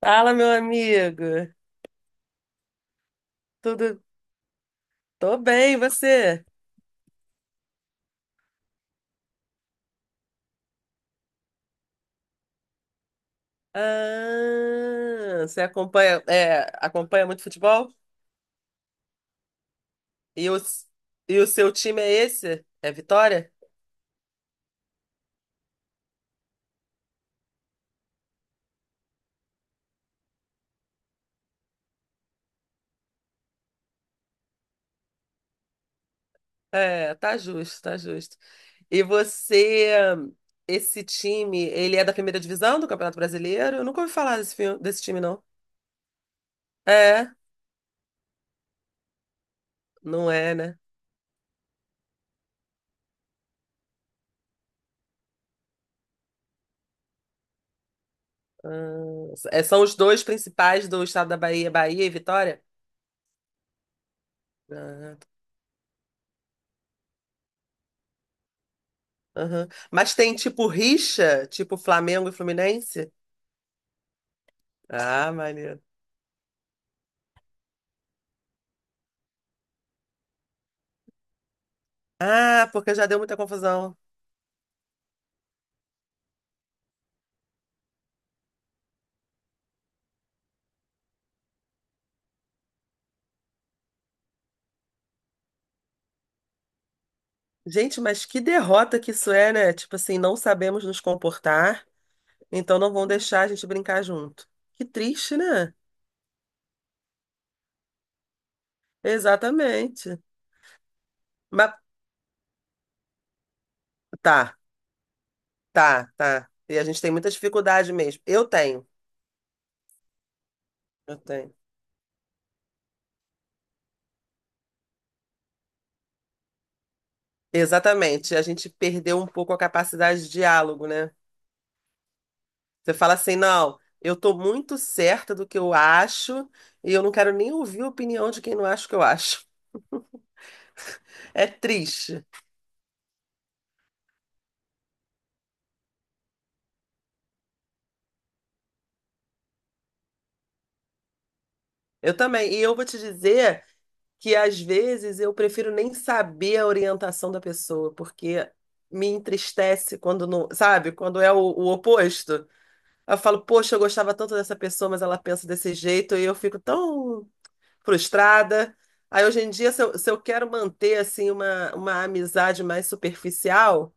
Fala, meu amigo. Tudo? Tô bem, e você? Ah, você acompanha, acompanha muito futebol? E o, e o seu time é esse? É Vitória? É, tá justo, tá justo. E você, esse time, ele é da primeira divisão do Campeonato Brasileiro? Eu nunca ouvi falar desse, desse time, não. É, não é, né? Ah, é, são os dois principais do estado da Bahia, Bahia e Vitória? Ah, aham. Mas tem tipo rixa, tipo Flamengo e Fluminense? Ah, maneiro. Ah, porque já deu muita confusão. Gente, mas que derrota que isso é, né? Tipo assim, não sabemos nos comportar, então não vão deixar a gente brincar junto. Que triste, né? Exatamente. Mas tá, tá. E a gente tem muita dificuldade mesmo. Eu tenho. Exatamente. A gente perdeu um pouco a capacidade de diálogo, né? Você fala assim, não, eu tô muito certa do que eu acho e eu não quero nem ouvir a opinião de quem não acha o que eu acho. É triste. Eu também. E eu vou te dizer que às vezes eu prefiro nem saber a orientação da pessoa, porque me entristece quando não, sabe? Quando é o oposto. Eu falo, poxa, eu gostava tanto dessa pessoa, mas ela pensa desse jeito e eu fico tão frustrada. Aí hoje em dia, se eu quero manter assim uma amizade mais superficial.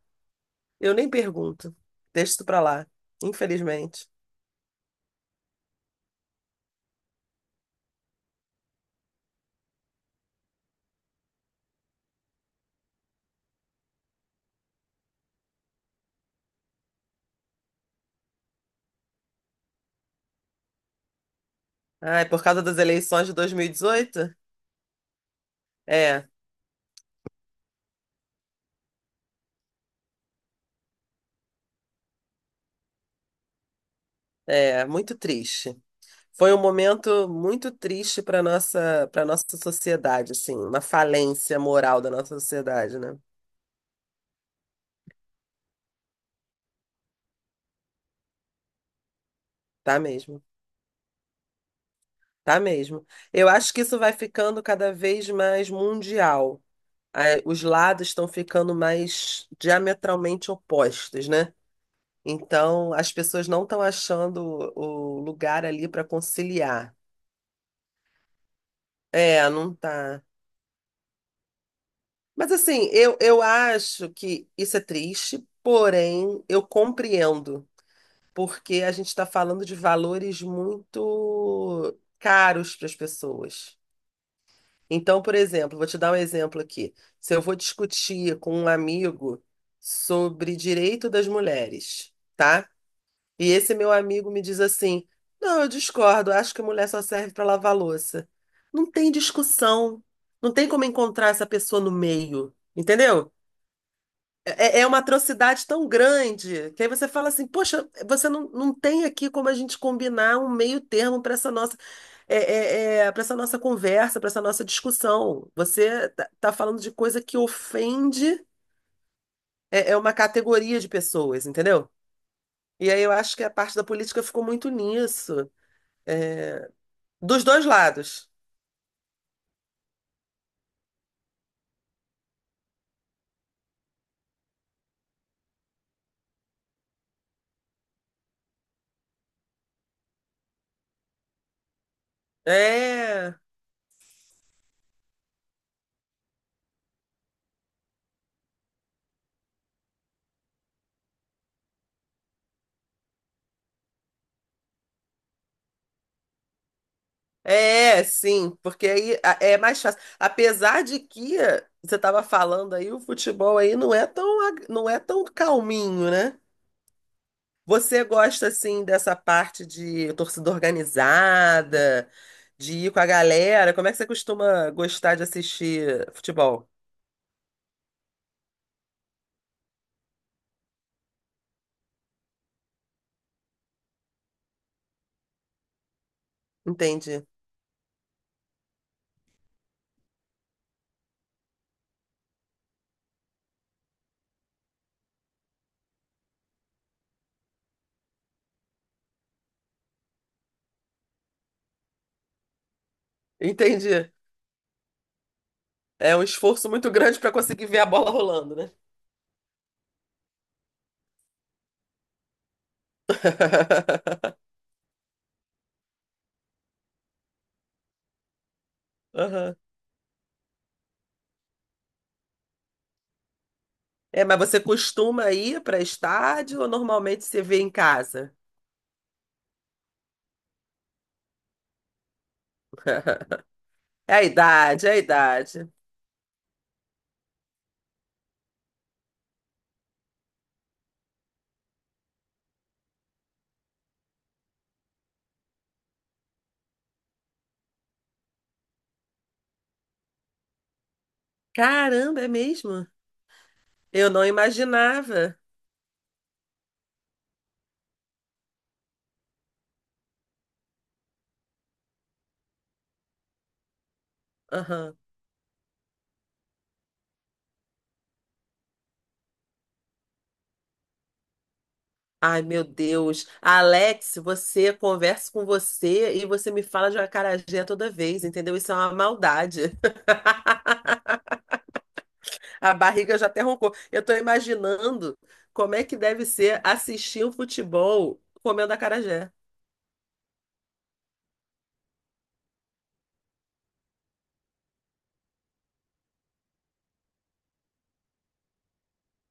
Eu nem pergunto. Deixa isso pra lá. Infelizmente. Ah, é por causa das eleições de 2018. É, é, muito triste. Foi um momento muito triste para para nossa sociedade, assim, uma falência moral da nossa sociedade, né? Tá mesmo, tá mesmo. Eu acho que isso vai ficando cada vez mais mundial. Ah, os lados estão ficando mais diametralmente opostos, né? Então, as pessoas não estão achando o lugar ali para conciliar. É, não tá. Mas assim, eu acho que isso é triste, porém eu compreendo, porque a gente está falando de valores muito caros para as pessoas. Então, por exemplo, vou te dar um exemplo aqui. Se eu vou discutir com um amigo sobre direito das mulheres, tá? E esse meu amigo me diz assim: não, eu discordo, acho que mulher só serve para lavar louça. Não tem discussão, não tem como encontrar essa pessoa no meio, entendeu? É, é uma atrocidade tão grande que aí você fala assim: poxa, você não tem aqui como a gente combinar um meio termo para essa nossa. Para essa nossa conversa, para essa nossa discussão. Você tá, tá falando de coisa que ofende, é uma categoria de pessoas, entendeu? E aí eu acho que a parte da política ficou muito nisso. É, dos dois lados. É, é, sim, porque aí é mais fácil. Apesar de que você estava falando aí, o futebol aí não é tão, não é tão calminho, né? Você gosta assim dessa parte de torcida organizada, de ir com a galera? Como é que você costuma gostar de assistir futebol? Entendi. Entendi. É um esforço muito grande para conseguir ver a bola rolando, né? Aham. É, mas você costuma ir para estádio ou normalmente você vê em casa? É a idade, é a idade. Caramba, é mesmo? Eu não imaginava. Aham. Ai, meu Deus. Alex, você conversa com você e você me fala de uma acarajé toda vez, entendeu? Isso é uma maldade. A barriga já até roncou. Eu tô imaginando como é que deve ser assistir o futebol comendo acarajé.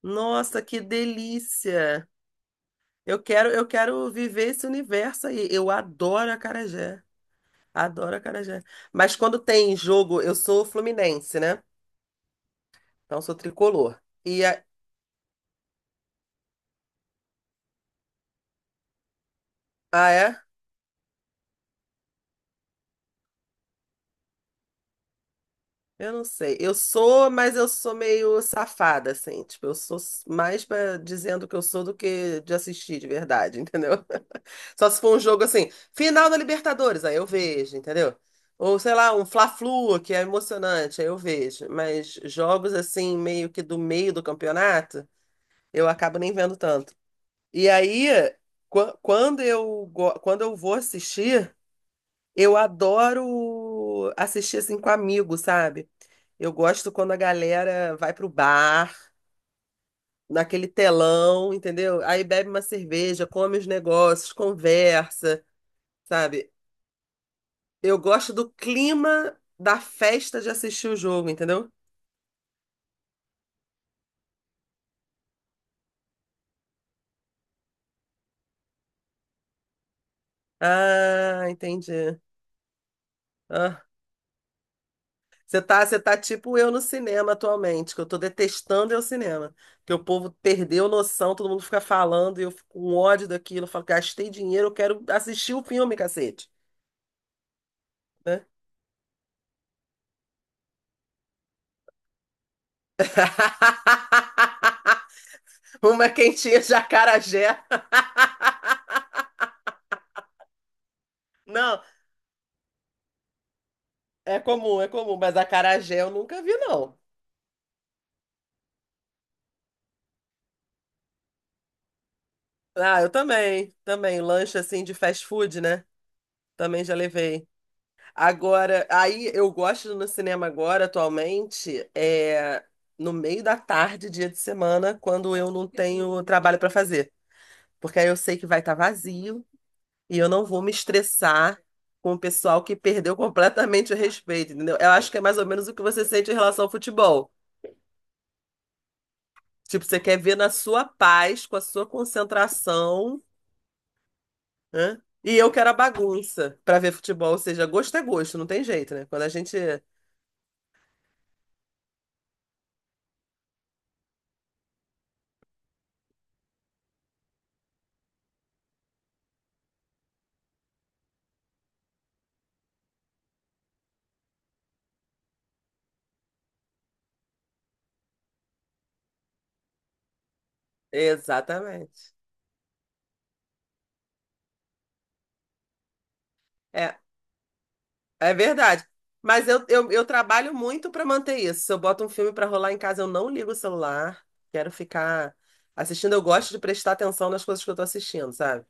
Nossa, que delícia! Eu quero viver esse universo aí. Eu adoro acarajé. Adoro acarajé. Mas quando tem jogo, eu sou fluminense, né? Então sou tricolor. E a- ah, é? Eu não sei. Eu sou, mas eu sou meio safada, assim. Tipo, eu sou mais pra dizendo que eu sou do que de assistir de verdade, entendeu? Só se for um jogo assim, final da Libertadores, aí eu vejo, entendeu? Ou sei lá, um Fla-Flu, que é emocionante, aí eu vejo. Mas jogos assim, meio que do meio do campeonato. Eu acabo nem vendo tanto. E aí, quando eu vou assistir, eu adoro assistir assim com amigos, sabe? Eu gosto quando a galera vai pro bar, naquele telão, entendeu? Aí bebe uma cerveja, come os negócios, conversa, sabe? Eu gosto do clima da festa de assistir o jogo, entendeu? Ah, entendi. Você tá tipo eu no cinema atualmente, que eu tô detestando é o cinema. Que o povo perdeu noção, todo mundo fica falando e eu fico com ódio daquilo. Eu falo, gastei dinheiro, eu quero assistir o filme, cacete. Né? Uma quentinha de acarajé. Não, é comum, mas acarajé eu nunca vi, não. Ah, eu também, também. Lanche assim de fast food, né? Também já levei. Agora, aí eu gosto no cinema agora, atualmente, é no meio da tarde, dia de semana, quando eu não tenho trabalho para fazer. Porque aí eu sei que vai estar vazio e eu não vou me estressar com o pessoal que perdeu completamente o respeito, entendeu? Eu acho que é mais ou menos o que você sente em relação ao futebol. Tipo, você quer ver na sua paz, com a sua concentração, né? E eu quero a bagunça para ver futebol, ou seja, gosto é gosto, não tem jeito, né? Quando a gente. Exatamente. É, é verdade. Mas eu trabalho muito para manter isso. Se eu boto um filme para rolar em casa, eu não ligo o celular. Quero ficar assistindo. Eu gosto de prestar atenção nas coisas que eu tô assistindo, sabe?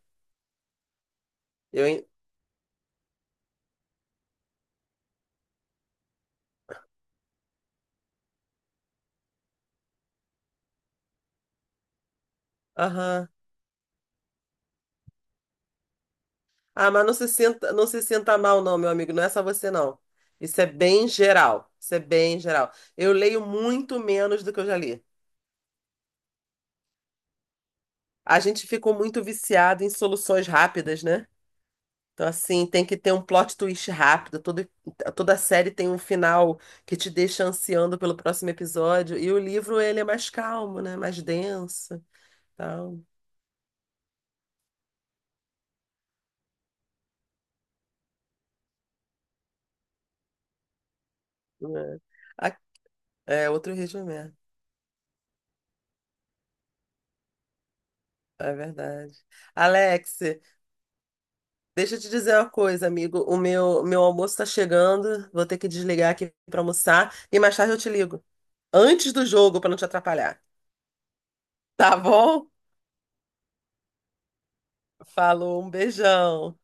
Eu, en- aham. Ah, mas não se sinta, não se sinta mal, não, meu amigo. Não é só você, não. Isso é bem geral. Isso é bem geral. Eu leio muito menos do que eu já li. A gente ficou muito viciado em soluções rápidas, né? Então, assim, tem que ter um plot twist rápido. Todo, toda série tem um final que te deixa ansiando pelo próximo episódio. E o livro, ele é mais calmo, né? Mais denso, tal. Né? A- é, outro ritmo mesmo. É verdade. Alex, deixa eu te dizer uma coisa, amigo. Meu almoço está chegando. Vou ter que desligar aqui para almoçar. E mais tarde eu te ligo. Antes do jogo, para não te atrapalhar. Tá bom? Falou, um beijão.